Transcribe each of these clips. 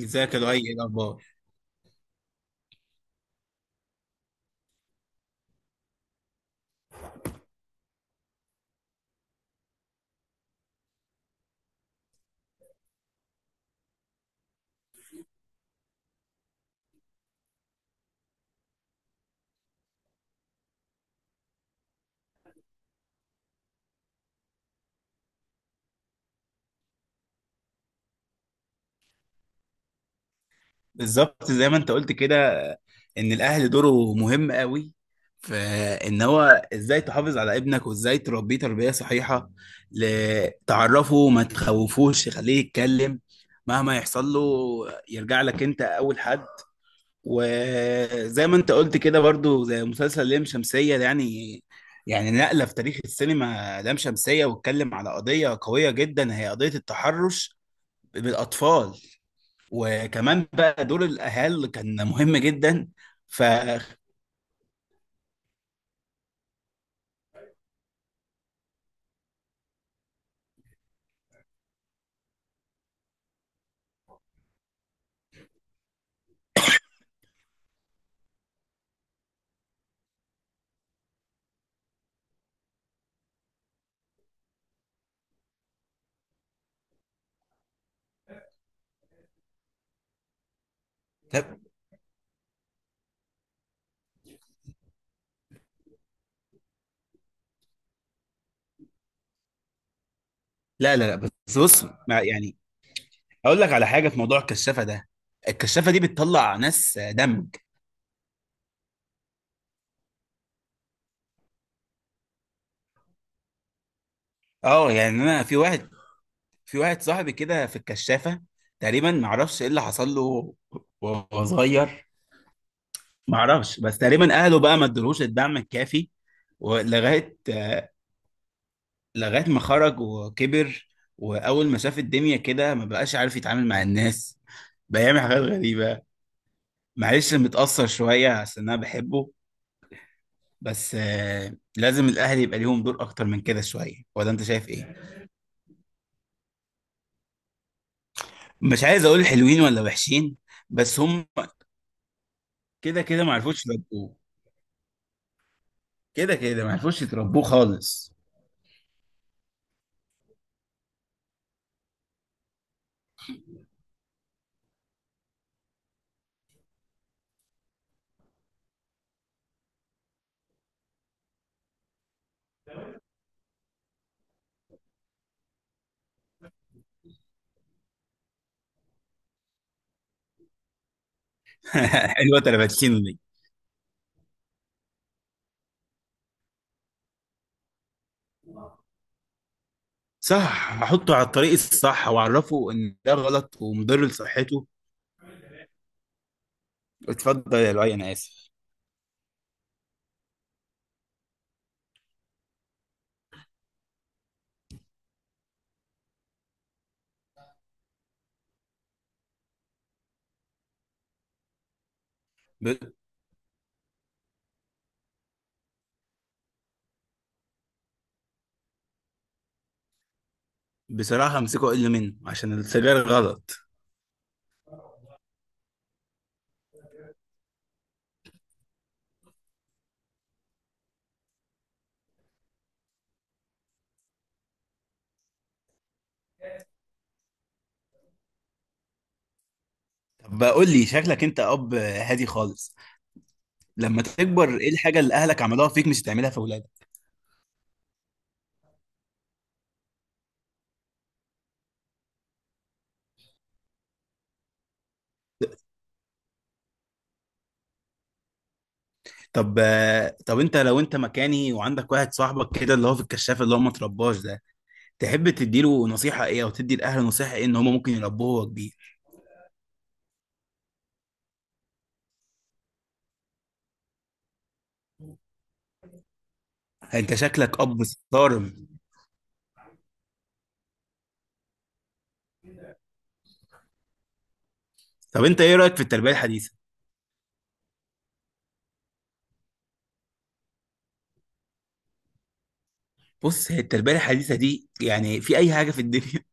ازيك يا لؤي، ايه الاخبار؟ بالظبط زي ما انت قلت كده، ان الاهل دوره مهم قوي، فان هو ازاي تحافظ على ابنك وازاي تربيه تربيه صحيحه. تعرفه، ما تخوفوش، خليه يتكلم مهما يحصل له، يرجع لك انت اول حد. وزي ما انت قلت كده برضو، زي مسلسل لام شمسية ده يعني نقلة في تاريخ السينما. لام شمسية واتكلم على قضية قوية جدا، هي قضية التحرش بالأطفال. وكمان بقى دور الاهل كان مهم جدا، ف طب- لا لا لا، بس. بص يعني، اقول لك على حاجه. في موضوع الكشافه ده، الكشافه دي بتطلع ناس دمج. اه يعني انا في واحد صاحبي كده في الكشافه، تقريبا ما اعرفش ايه اللي حصل له وهو صغير. ما اعرفش، بس تقريبا اهله بقى ما ادولوش الدعم الكافي، ولغايه آه، لغايه ما خرج وكبر، واول ما شاف الدنيا كده ما بقاش عارف يتعامل مع الناس، بقى يعمل حاجات غريبه. معلش، متأثر شوية عشان أنا بحبه. بس لازم الأهلي يبقى ليهم دور أكتر من كده شوية، ولا أنت شايف إيه؟ مش عايز أقول حلوين ولا وحشين، بس هم كده كده ما عرفوش يتربوه، كده كده ما عرفوش يتربوه خالص. حلوة تلباتشينو دي. صح، أحطه على الطريق الصح وأعرفه إن ده غلط ومضر لصحته. اتفضل يا لؤي، أنا آسف. ب... بصراحة أمسكه أقل منه عشان السجاير غلط. طب قول لي، شكلك أنت أب هادي خالص. لما تكبر، ايه الحاجه اللي اهلك عملوها فيك مش هتعملها في اولادك؟ طب انت لو انت مكاني، وعندك واحد صاحبك كده اللي هو في الكشاف، اللي هو ما ترباش ده، تحب تديله نصيحه ايه، او تدي الاهل نصيحه ايه ان هم ممكن يربوه وهو كبير؟ انت شكلك اب صارم. طب انت ايه رايك في التربيه الحديثه؟ بص، هي التربيه الحديثه دي يعني، في اي حاجه في الدنيا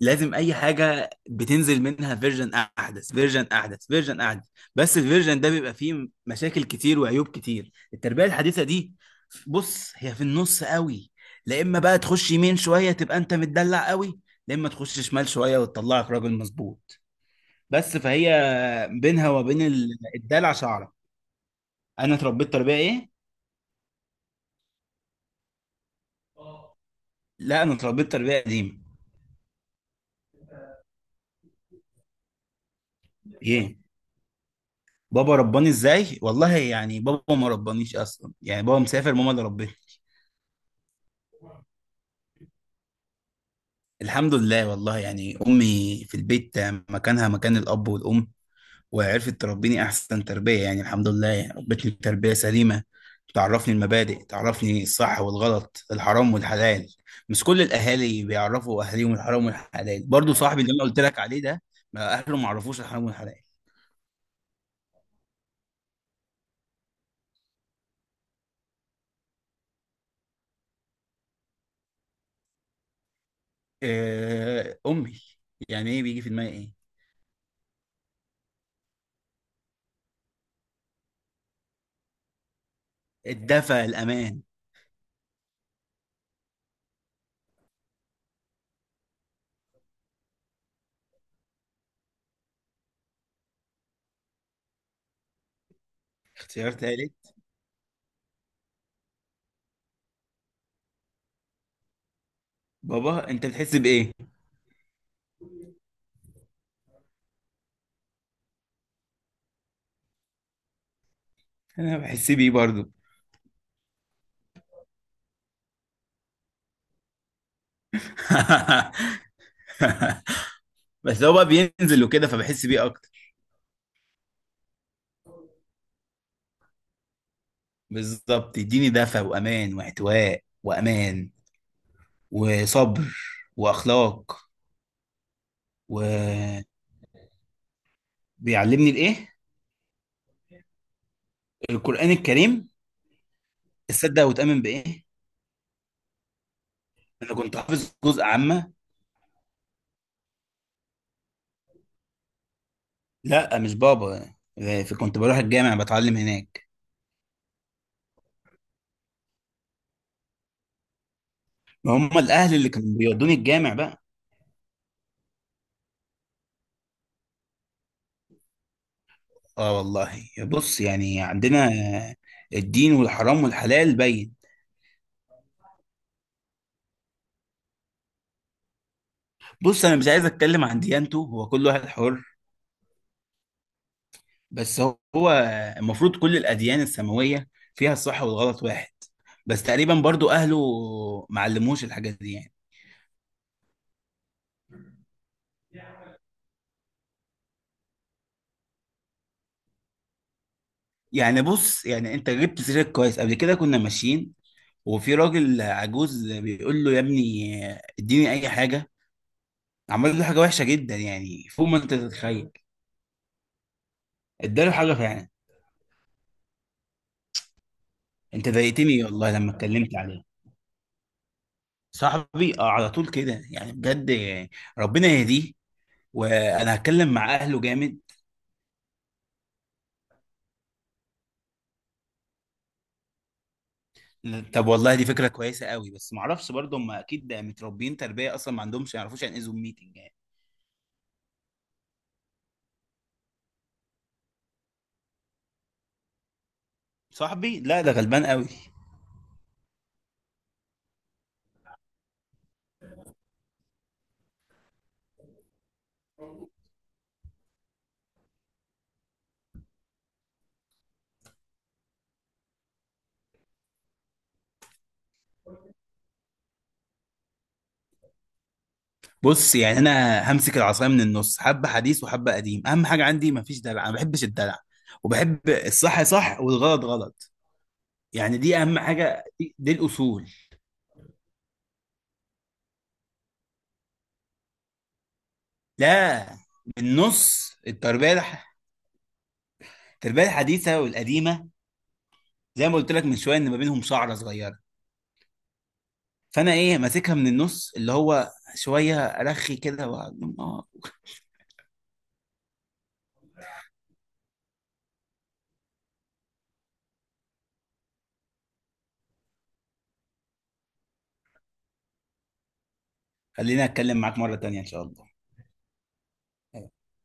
لازم اي حاجه بتنزل منها فيرجن احدث، فيرجن احدث، فيرجن احدث. بس الفيرجن ده بيبقى فيه مشاكل كتير وعيوب كتير. التربيه الحديثه دي، بص، هي في النص قوي. لا اما بقى تخش يمين شويه، تبقى انت متدلع قوي. لا اما تخش شمال شويه، وتطلعك راجل مظبوط. بس فهي بينها وبين الدلع شعره. انا اتربيت تربيه ايه؟ لا، انا اتربيت تربيه قديمه. ايه؟ بابا رباني ازاي؟ والله يعني بابا ما ربانيش اصلا يعني، بابا مسافر، ماما اللي ربتني. الحمد لله، والله يعني أمي في البيت مكانها مكان الأب والأم، وعرفت تربيني أحسن تربية يعني. الحمد لله، يعني ربتني تربية سليمة، تعرفني المبادئ، تعرفني الصح والغلط، الحرام والحلال. مش كل الأهالي بيعرفوا أهاليهم الحرام والحلال. برضو صاحبي اللي أنا قلت لك عليه ده، ما أهله ما عرفوش الحرام والحلال. آه، أمي. يعني إيه بيجي في دماغي إيه؟ الدفى، الأمان. اختيار تالت. بابا أنت بتحس بإيه؟ أنا بحس بيه برضو. بس هو بقى بينزل وكده، فبحس بيه اكتر. بالظبط، يديني دفع وامان واحتواء وامان وصبر واخلاق، وبيعلمني الايه القران الكريم. تصدق وتؤمن بايه؟ انا كنت حافظ جزء عامه. لا مش بابا، كنت بروح الجامع بتعلم هناك. ما هم الاهل اللي كانوا بيودوني الجامع بقى. اه والله، بص يعني عندنا الدين والحرام والحلال باين. بص، انا مش عايز اتكلم عن ديانته، هو كل واحد حر. بس هو المفروض كل الأديان السماوية فيها الصح والغلط واحد. بس تقريبا برضو أهله ما علموش الحاجات دي يعني. يعني بص يعني أنت جبت سيرك كويس. قبل كده كنا ماشيين، وفي راجل عجوز بيقول له يا ابني اديني أي حاجة. عمل له حاجة وحشة جدا، يعني فوق ما أنت تتخيل. اداله حاجة فعلا. أنت ضايقتني والله لما اتكلمت عليه. صاحبي على طول كده يعني، بجد. ربنا يهديه، وانا هتكلم مع اهله جامد. طب والله، دي فكرة كويسة قوي، بس معرفش برضه هم أكيد متربيين تربية أصلا، ما عندهمش، يعرفوش يعني إيه زوم ميتنج يعني. صاحبي لا، ده غلبان قوي. بص يعني، أنا همسك العصاية من النص، حبة حديث وحبة قديم. أهم حاجة عندي مفيش دلع، أنا ما بحبش الدلع، وبحب الصح صح والغلط غلط. يعني دي أهم حاجة، دي، دي الأصول. لا، بالنص التربية التربية الحديثة والقديمة، زي ما قلت لك من شوية إن ما بينهم شعرة صغيرة، فأنا إيه ماسكها من النص، اللي هو شويه ارخي كده واقعد. خليني اتكلم معاك مرة تانية ان شاء الله.